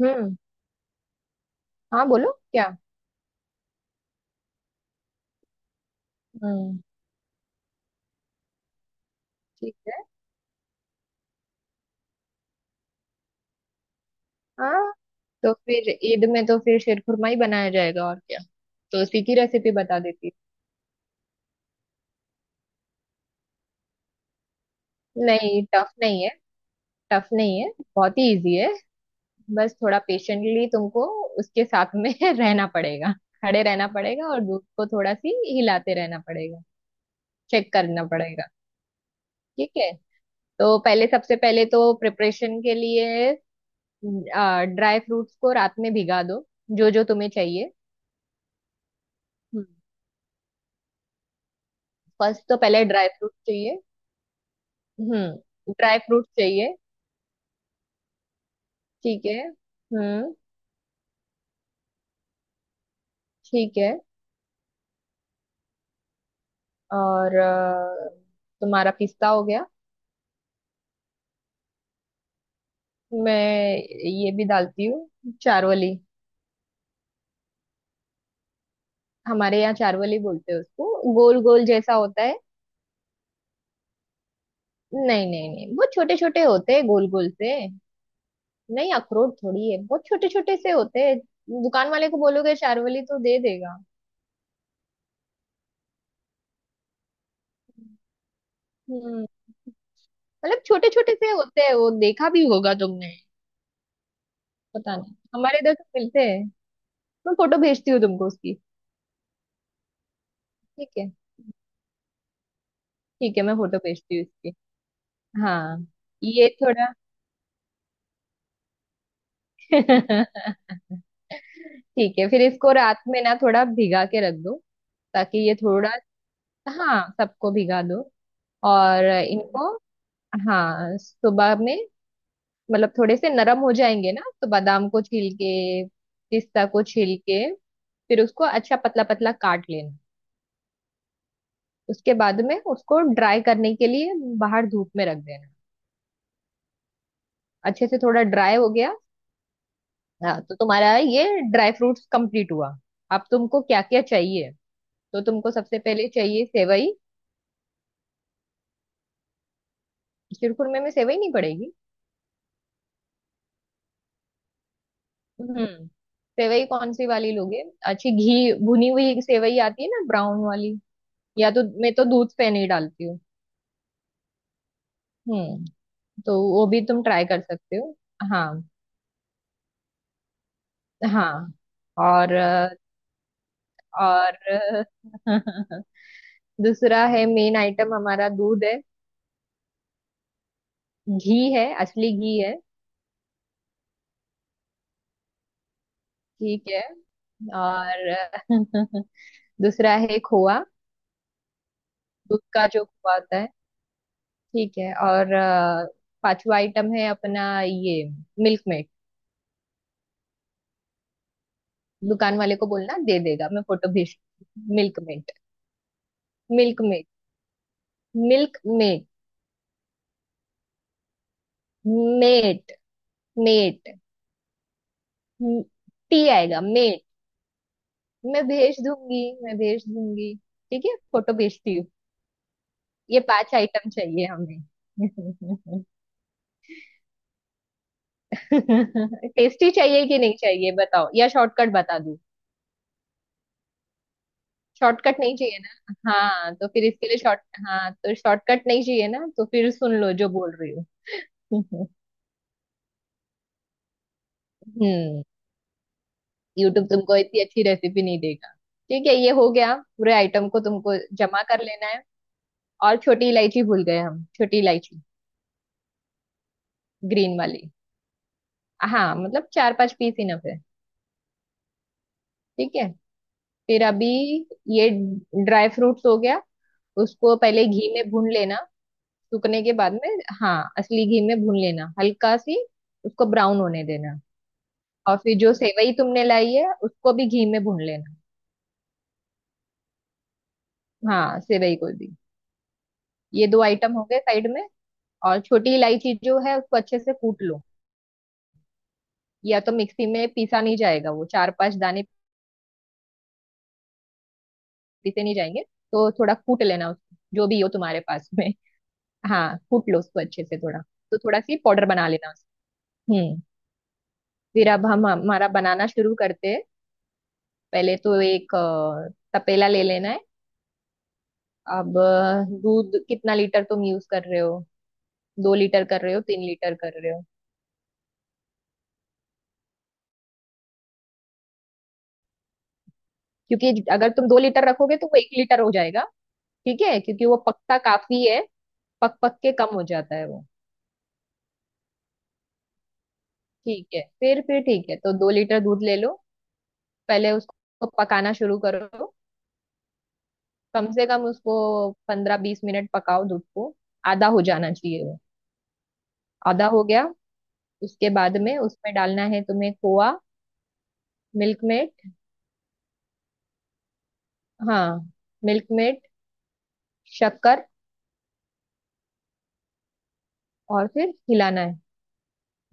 हम्म। हाँ बोलो क्या। हम्म। ठीक है। हाँ तो फिर ईद में तो फिर शेरखुरमा ही बनाया जाएगा और क्या। तो उसी की रेसिपी बता देती हूँ। नहीं टफ नहीं है। टफ नहीं है। बहुत ही इजी है। बस थोड़ा पेशेंटली तुमको उसके साथ में रहना पड़ेगा। खड़े रहना पड़ेगा और दूध को थोड़ा सी हिलाते रहना पड़ेगा। चेक करना पड़ेगा। ठीक है। तो पहले सबसे पहले तो प्रिपरेशन के लिए ड्राई फ्रूट्स को रात में भिगा दो। जो जो तुम्हें चाहिए। फर्स्ट तो पहले ड्राई फ्रूट चाहिए। ड्राई फ्रूट चाहिए। ठीक है। ठीक है। और तुम्हारा पिस्ता हो गया। मैं ये भी डालती हूँ चारोली। हमारे यहाँ चारोली बोलते हैं उसको, गोल गोल जैसा होता है। नहीं नहीं नहीं, बहुत छोटे छोटे होते हैं गोल गोल से। नहीं अखरोट थोड़ी है, बहुत छोटे छोटे से होते हैं। दुकान वाले को बोलोगे चारोली तो दे देगा। हम्म मतलब छोटे छोटे से होते हैं, वो देखा भी होगा तुमने। पता नहीं, हमारे इधर तो मिलते हैं। मैं फोटो भेजती हूँ तुमको उसकी। ठीक है। ठीक है मैं फोटो भेजती हूँ इसकी। हाँ ये थोड़ा ठीक है फिर इसको रात में ना थोड़ा भिगा के रख दो, ताकि ये थोड़ा। हाँ सबको भिगा दो। और इनको। हाँ सुबह में। मतलब थोड़े से नरम हो जाएंगे ना तो बादाम को छील के, पिस्ता को छील के, फिर उसको अच्छा पतला पतला काट लेना। उसके बाद में उसको ड्राई करने के लिए बाहर धूप में रख देना। अच्छे से थोड़ा ड्राई हो गया। हाँ तो तुम्हारा ये ड्राई फ्रूट्स कंप्लीट हुआ। अब तुमको क्या क्या चाहिए। तो तुमको सबसे पहले चाहिए सेवई। शिरखुरमे में सेवई नहीं पड़ेगी। हम्म। सेवई कौन सी वाली लोगे। अच्छी घी भुनी हुई सेवई आती है ना, ब्राउन वाली। या तो मैं तो दूध पे नहीं डालती हूँ। हम्म। तो वो भी तुम ट्राई कर सकते हो। हाँ। हाँ और और अ, दूसरा है मेन आइटम, हमारा दूध है। घी है, असली घी है। ठीक है और दूसरा है खोआ। दूध का जो खोआ होता है। ठीक है और पांचवा आइटम है अपना ये मिल्क मेड। दुकान वाले को बोलना दे देगा, मैं फोटो भेज। Milkmaid. Milkmaid. Milkmaid. मेट। मेट। टी आएगा मेट। मैं भेज दूंगी मैं भेज दूंगी। ठीक है फोटो भेजती हूँ। ये पांच आइटम चाहिए हमें। टेस्टी चाहिए कि नहीं चाहिए बताओ, या शॉर्टकट बता। शॉर्टकट नहीं चाहिए ना, हाँ तो फिर इसके लिए शॉर्ट। हाँ तो शॉर्टकट नहीं चाहिए ना, तो फिर सुन लो जो बोल रही हूँ। हम्म। यूट्यूब तुमको इतनी अच्छी रेसिपी नहीं देगा। ठीक है ये हो गया, पूरे आइटम को तुमको जमा कर लेना है। और छोटी इलायची भूल गए हम, छोटी इलायची, ग्रीन वाली। हाँ मतलब 4 5 पीस इनफ है। ठीक है। फिर अभी ये ड्राई फ्रूट्स हो गया, उसको पहले घी में भून लेना। सूखने के बाद में हाँ असली घी में भून लेना, हल्का सी उसको ब्राउन होने देना। और फिर जो सेवई तुमने लाई है उसको भी घी में भून लेना। हाँ सेवई को भी। ये दो आइटम हो गए साइड में। और छोटी इलायची जो है उसको अच्छे से कूट लो। या तो मिक्सी में पीसा नहीं जाएगा वो 4 5 दाने, पीसे नहीं जाएंगे। तो थोड़ा कूट लेना उसको जो भी हो तुम्हारे पास में। हाँ कूट लो उसको अच्छे से थोड़ा। तो थोड़ा सी पाउडर बना लेना उसको। हम्म। फिर अब हम हमारा बनाना शुरू करते हैं। पहले तो एक तपेला ले लेना है। अब दूध कितना लीटर तुम यूज कर रहे हो। 2 लीटर कर रहे हो, 3 लीटर कर रहे हो। क्योंकि अगर तुम 2 लीटर रखोगे तो वो 1 लीटर हो जाएगा। ठीक है क्योंकि वो पकता काफी है। पक पक के कम हो जाता है वो। ठीक है फिर ठीक है, तो 2 लीटर दूध ले लो। पहले उसको पकाना शुरू करो। कम से कम उसको 15 20 मिनट पकाओ दूध को। आधा हो जाना चाहिए वो। आधा हो गया, उसके बाद में उसमें डालना है तुम्हें खोआ, मिल्क मेट। हाँ मिल्क मेट, शक्कर। और फिर हिलाना है।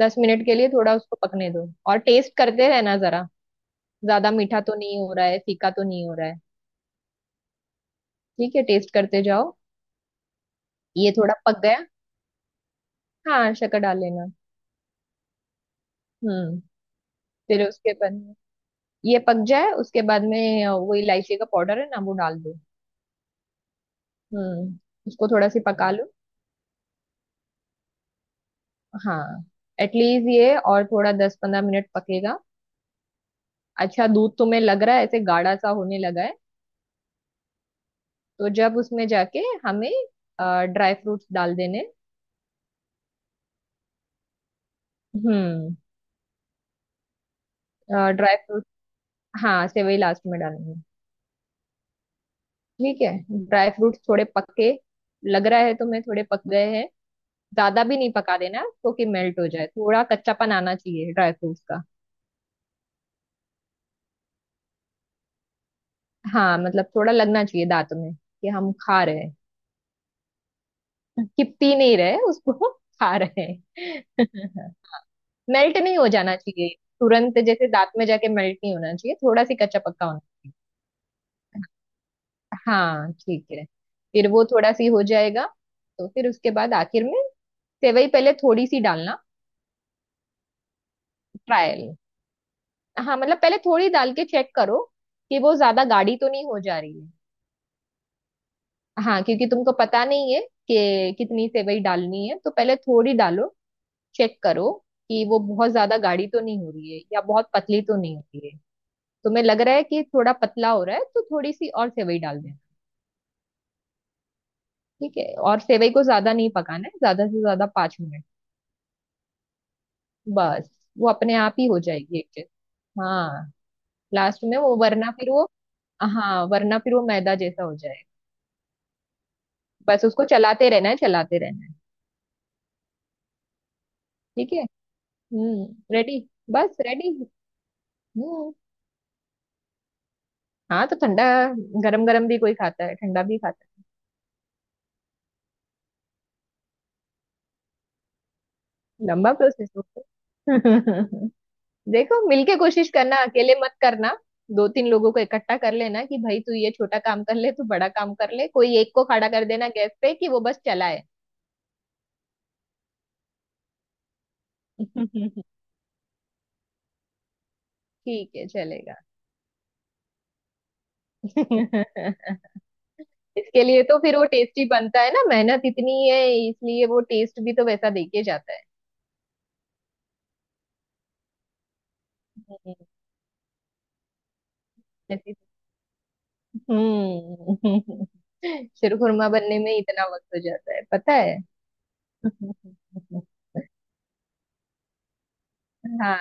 10 मिनट के लिए थोड़ा उसको पकने दो और टेस्ट करते रहना जरा। ज्यादा मीठा तो नहीं हो रहा है, फीका तो नहीं हो रहा है। ठीक है टेस्ट करते जाओ। ये थोड़ा पक गया। हाँ शक्कर डाल लेना। हम्म। फिर उसके बाद, ये पक जाए उसके बाद में वो इलायची का पाउडर है ना वो डाल दो। हम्म उसको थोड़ा सी पका लो। हाँ एटलीस्ट ये और थोड़ा 10 15 मिनट पकेगा। अच्छा दूध तुम्हें लग रहा है ऐसे गाढ़ा सा होने लगा है, तो जब उसमें जाके हमें ड्राई फ्रूट्स डाल देने। हम्म। ड्राई फ्रूट, हाँ सेवई लास्ट में डालेंगे। ठीक है। ड्राई फ्रूट्स थोड़े पक्के लग रहा है तुम्हें, थोड़े पक गए हैं। ज्यादा भी नहीं पका देना तो कि मेल्ट हो जाए, थोड़ा कच्चापन आना चाहिए ड्राई फ्रूट्स का। हाँ मतलब थोड़ा लगना चाहिए दांतों में कि हम खा रहे हैं, कि पी नहीं रहे उसको, खा रहे हैं। मेल्ट नहीं हो जाना चाहिए तुरंत, जैसे दांत में जाके मेल्ट नहीं होना चाहिए, थोड़ा सी कच्चा पक्का होना चाहिए। हाँ ठीक है। फिर वो थोड़ा सी हो जाएगा, तो फिर उसके बाद आखिर में सेवई पहले थोड़ी सी डालना। ट्रायल, हाँ मतलब पहले थोड़ी डाल के चेक करो कि वो ज्यादा गाढ़ी तो नहीं हो जा रही है। हाँ क्योंकि तुमको पता नहीं है कि कितनी सेवई डालनी है, तो पहले थोड़ी डालो, चेक करो कि वो बहुत ज्यादा गाढ़ी तो नहीं हो रही है या बहुत पतली तो नहीं हो रही है। तुम्हें लग रहा है कि थोड़ा पतला हो रहा है तो थोड़ी सी और सेवई डाल देना। ठीक है। और सेवई को ज्यादा नहीं पकाना है, ज्यादा से ज्यादा 5 मिनट बस। वो अपने आप ही हो जाएगी एक चीज। हाँ लास्ट में वो वरना फिर वो, हाँ वरना फिर वो मैदा जैसा हो जाएगा। बस उसको चलाते रहना है, चलाते रहना है। ठीक है। रेडी। बस रेडी। हम्म। हाँ तो ठंडा, गरम गरम भी कोई खाता है, ठंडा भी खाता है। लंबा प्रोसेस होता है। देखो मिलके कोशिश करना, अकेले मत करना। 2 3 लोगों को इकट्ठा कर लेना कि भाई तू ये छोटा काम कर ले, तू बड़ा काम कर ले, कोई एक को खड़ा कर देना गैस पे कि वो बस चलाए। ठीक है चलेगा। इसके लिए तो फिर वो टेस्टी बनता है ना, मेहनत इतनी है इसलिए वो टेस्ट भी तो वैसा देके जाता है। हम्म। हम्म। शिरखुरमा बनने में इतना वक्त हो जाता है पता है। हाँ,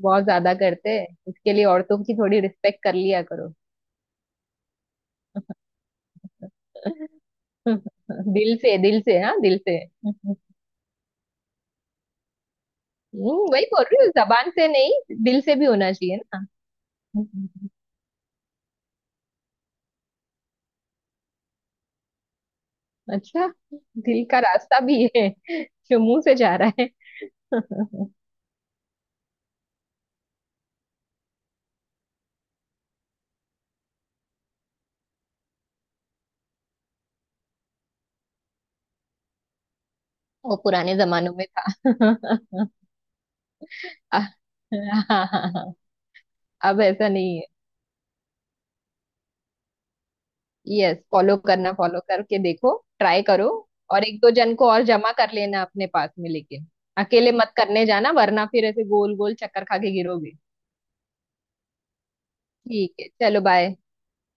बहुत ज्यादा करते हैं इसके लिए, औरतों की थोड़ी रिस्पेक्ट कर लिया करो। दिल से, दिल से, हाँ दिल से। हम्म। वही बोल रही हूँ, जबान से नहीं दिल से भी होना चाहिए ना। अच्छा, दिल का रास्ता भी है जो मुंह से जा रहा है। वो पुराने जमानों में था। हाँ, हाँ, हाँ, हाँ, अब ऐसा नहीं है। यस फॉलो करना, फॉलो करके देखो, ट्राई करो। और 1 2 जन को और जमा कर लेना अपने पास में लेकिन, अकेले मत करने जाना वरना फिर ऐसे गोल गोल चक्कर खा के गिरोगे। ठीक है चलो बाय।